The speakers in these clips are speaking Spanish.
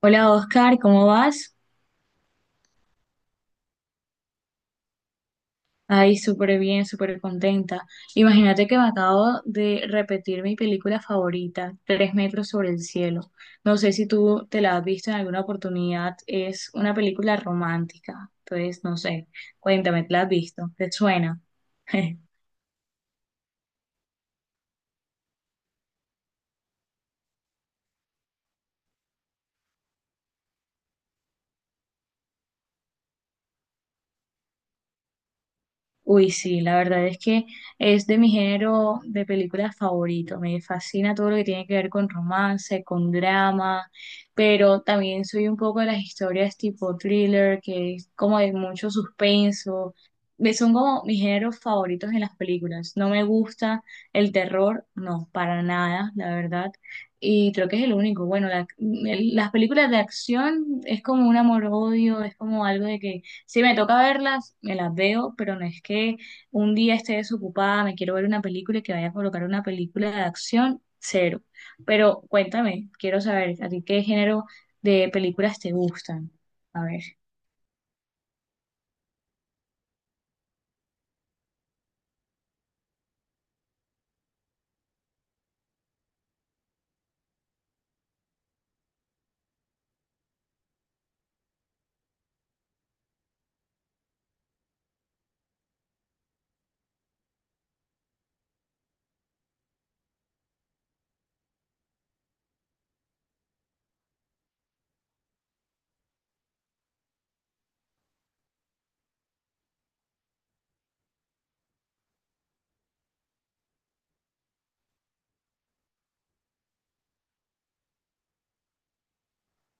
Hola Oscar, ¿cómo vas? Ay, súper bien, súper contenta. Imagínate que me acabo de repetir mi película favorita, Tres metros sobre el cielo. No sé si tú te la has visto en alguna oportunidad, es una película romántica. Entonces, no sé, cuéntame, ¿te la has visto? ¿Te suena? Uy, sí, la verdad es que es de mi género de películas favorito. Me fascina todo lo que tiene que ver con romance, con drama, pero también soy un poco de las historias tipo thriller, que es como de mucho suspenso. Son como mis géneros favoritos en las películas. No me gusta el terror, no, para nada, la verdad. Y creo que es el único. Bueno, las películas de acción es como un amor-odio, es como algo de que si me toca verlas, me las veo, pero no es que un día esté desocupada, me quiero ver una película y que vaya a colocar una película de acción, cero. Pero cuéntame, quiero saber, ¿a ti qué género de películas te gustan? A ver.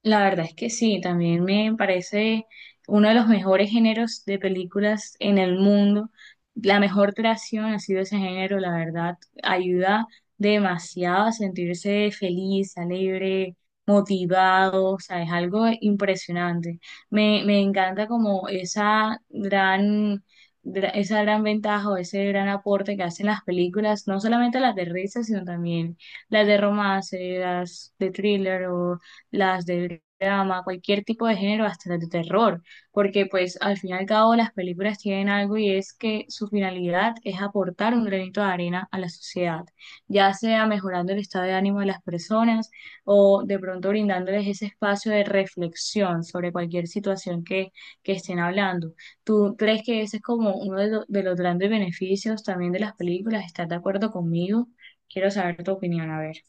La verdad es que sí, también me parece uno de los mejores géneros de películas en el mundo. La mejor creación ha sido ese género, la verdad. Ayuda demasiado a sentirse feliz, alegre, motivado, o sea, es algo impresionante. Me encanta como esa gran, esa gran ventaja o ese gran aporte que hacen las películas, no solamente las de risa, sino también las de romance, las de thriller o las de drama, cualquier tipo de género, hasta las de terror, porque pues al fin y al cabo las películas tienen algo y es que su finalidad es aportar un granito de arena a la sociedad, ya sea mejorando el estado de ánimo de las personas o de pronto brindándoles ese espacio de reflexión sobre cualquier situación que estén hablando. ¿Tú crees que ese es como uno de los grandes beneficios también de las películas? ¿Estás de acuerdo conmigo? Quiero saber tu opinión, a ver.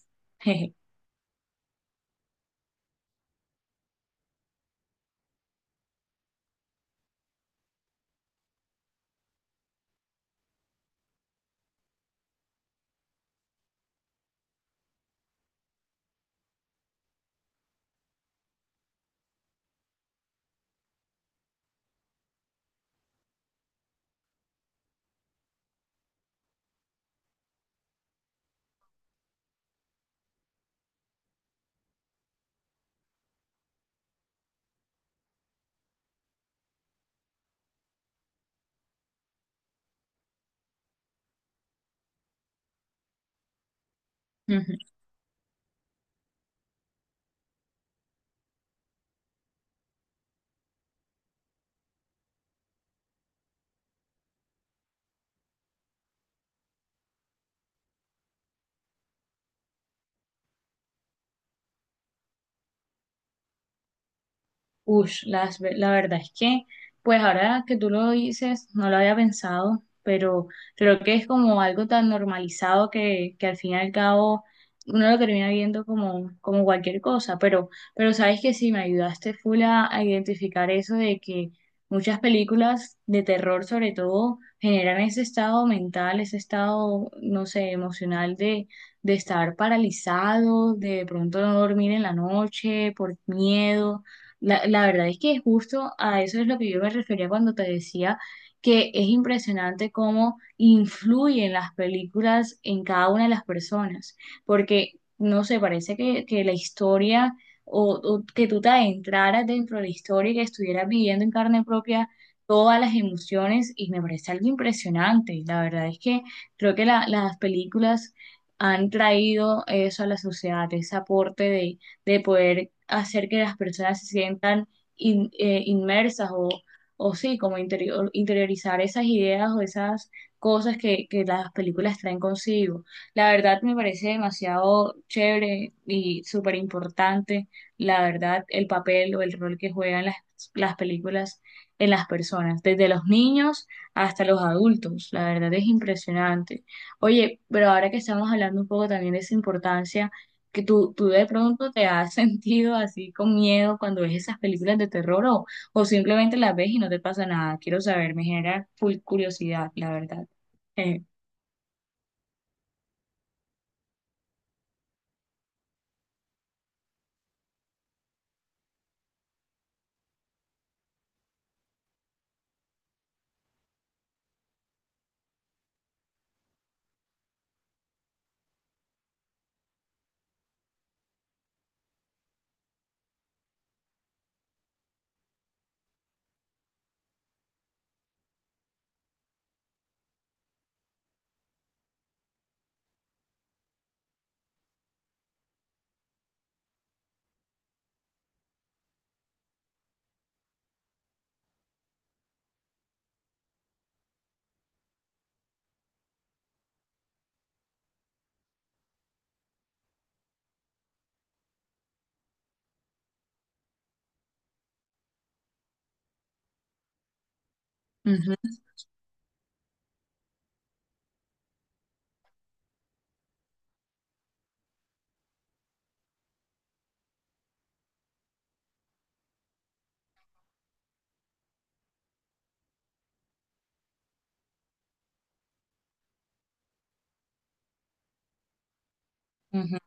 Jeje. Ush, la verdad es que, pues ahora que tú lo dices, no lo había pensado, pero creo que es como algo tan normalizado que al fin y al cabo uno lo termina viendo como, como cualquier cosa, pero sabes que sí me ayudaste full a identificar eso de que muchas películas de terror sobre todo generan ese estado mental, ese estado, no sé, emocional de estar paralizado, de pronto no dormir en la noche por miedo, la verdad es que justo a eso es lo que yo me refería cuando te decía que es impresionante cómo influyen las películas en cada una de las personas, porque no sé, parece que la historia o que tú te adentraras dentro de la historia y que estuvieras viviendo en carne propia todas las emociones y me parece algo impresionante. La verdad es que creo que las películas han traído eso a la sociedad, ese aporte de poder hacer que las personas se sientan inmersas o sí, como interiorizar esas ideas o esas cosas que las películas traen consigo. La verdad me parece demasiado chévere y súper importante, la verdad, el papel o el rol que juegan las películas en las personas, desde los niños hasta los adultos. La verdad es impresionante. Oye, pero ahora que estamos hablando un poco también de esa importancia, que tú de pronto te has sentido así con miedo cuando ves esas películas de terror o simplemente las ves y no te pasa nada. Quiero saber, me genera full curiosidad, la verdad. Eh, ujú.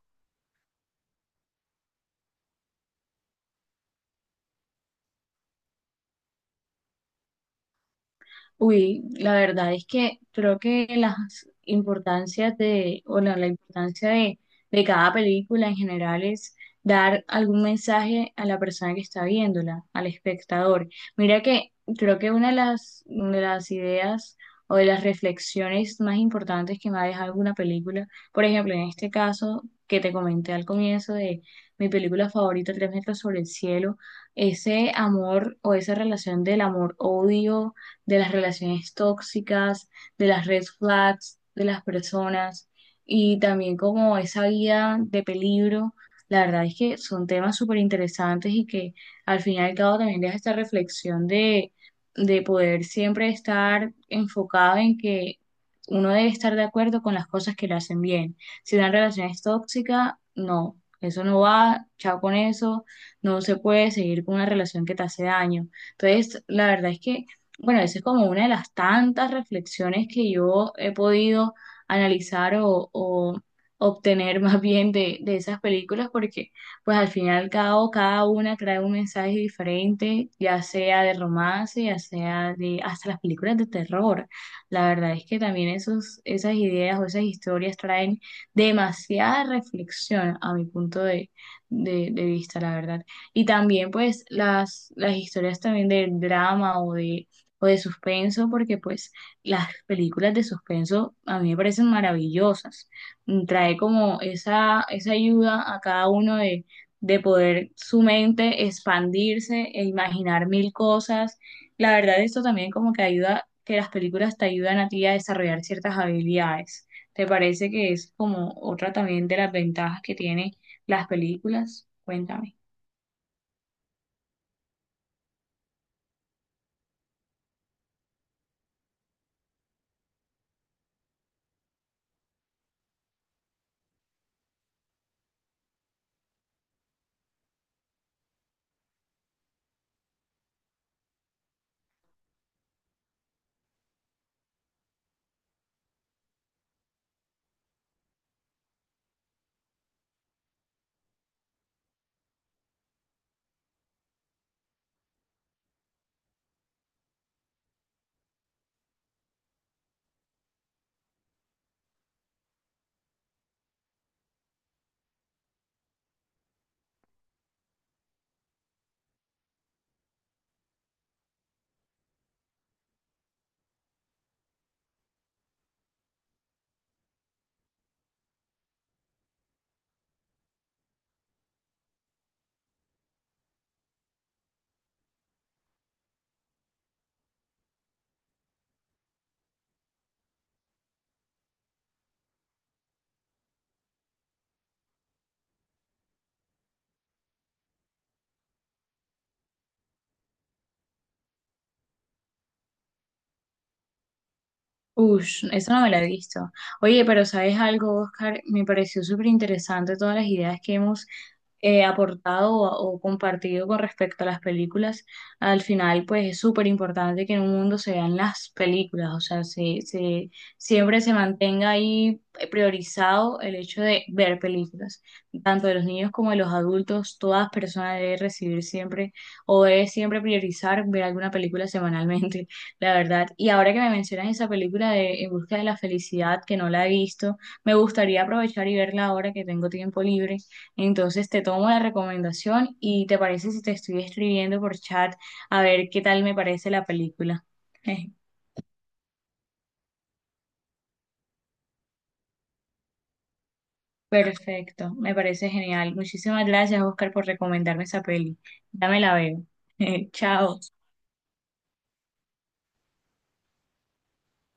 Uy, la verdad es que creo que las importancias de, la importancia de cada película en general es dar algún mensaje a la persona que está viéndola, al espectador. Mira que creo que una de de las ideas o de las reflexiones más importantes que me ha dejado alguna película, por ejemplo, en este caso que te comenté al comienzo de mi película favorita, Tres metros sobre el cielo, ese amor o esa relación del amor-odio de las relaciones tóxicas, de las red flags, de las personas y también como esa vida de peligro. La verdad es que son temas súper interesantes y que al fin y al cabo también deja esta reflexión de poder siempre estar enfocado en que uno debe estar de acuerdo con las cosas que le hacen bien. Si una relación es tóxica, no, eso no va, chao con eso, no se puede seguir con una relación que te hace daño. Entonces, la verdad es que bueno, esa es como una de las tantas reflexiones que yo he podido analizar o obtener más bien de esas películas, porque pues al final cada una trae un mensaje diferente, ya sea de romance, ya sea de hasta las películas de terror. La verdad es que también esas ideas o esas historias traen demasiada reflexión a mi punto de, de vista, la verdad. Y también pues las historias también del drama o de suspenso, porque pues las películas de suspenso a mí me parecen maravillosas. Mm, trae como esa ayuda a cada uno de poder su mente expandirse e imaginar mil cosas. La verdad, esto también como que ayuda, que las películas te ayudan a ti a desarrollar ciertas habilidades. ¿Te parece que es como otra también de las ventajas que tiene las películas? Cuéntame. Ush, eso no me lo he visto. Oye, pero ¿sabes algo, Oscar? Me pareció súper interesante todas las ideas que hemos aportado o compartido con respecto a las películas. Al final, pues es súper importante que en un mundo se vean las películas, o sea, siempre se mantenga ahí priorizado el hecho de ver películas, tanto de los niños como de los adultos. Todas personas deben recibir siempre o debe siempre priorizar ver alguna película semanalmente. La verdad, y ahora que me mencionas esa película de En busca de la felicidad, que no la he visto, me gustaría aprovechar y verla ahora que tengo tiempo libre. Entonces te tomo la recomendación y te parece si te estoy escribiendo por chat a ver qué tal me parece la película. Perfecto, me parece genial. Muchísimas gracias, Oscar, por recomendarme esa peli. Dame la veo. Chao.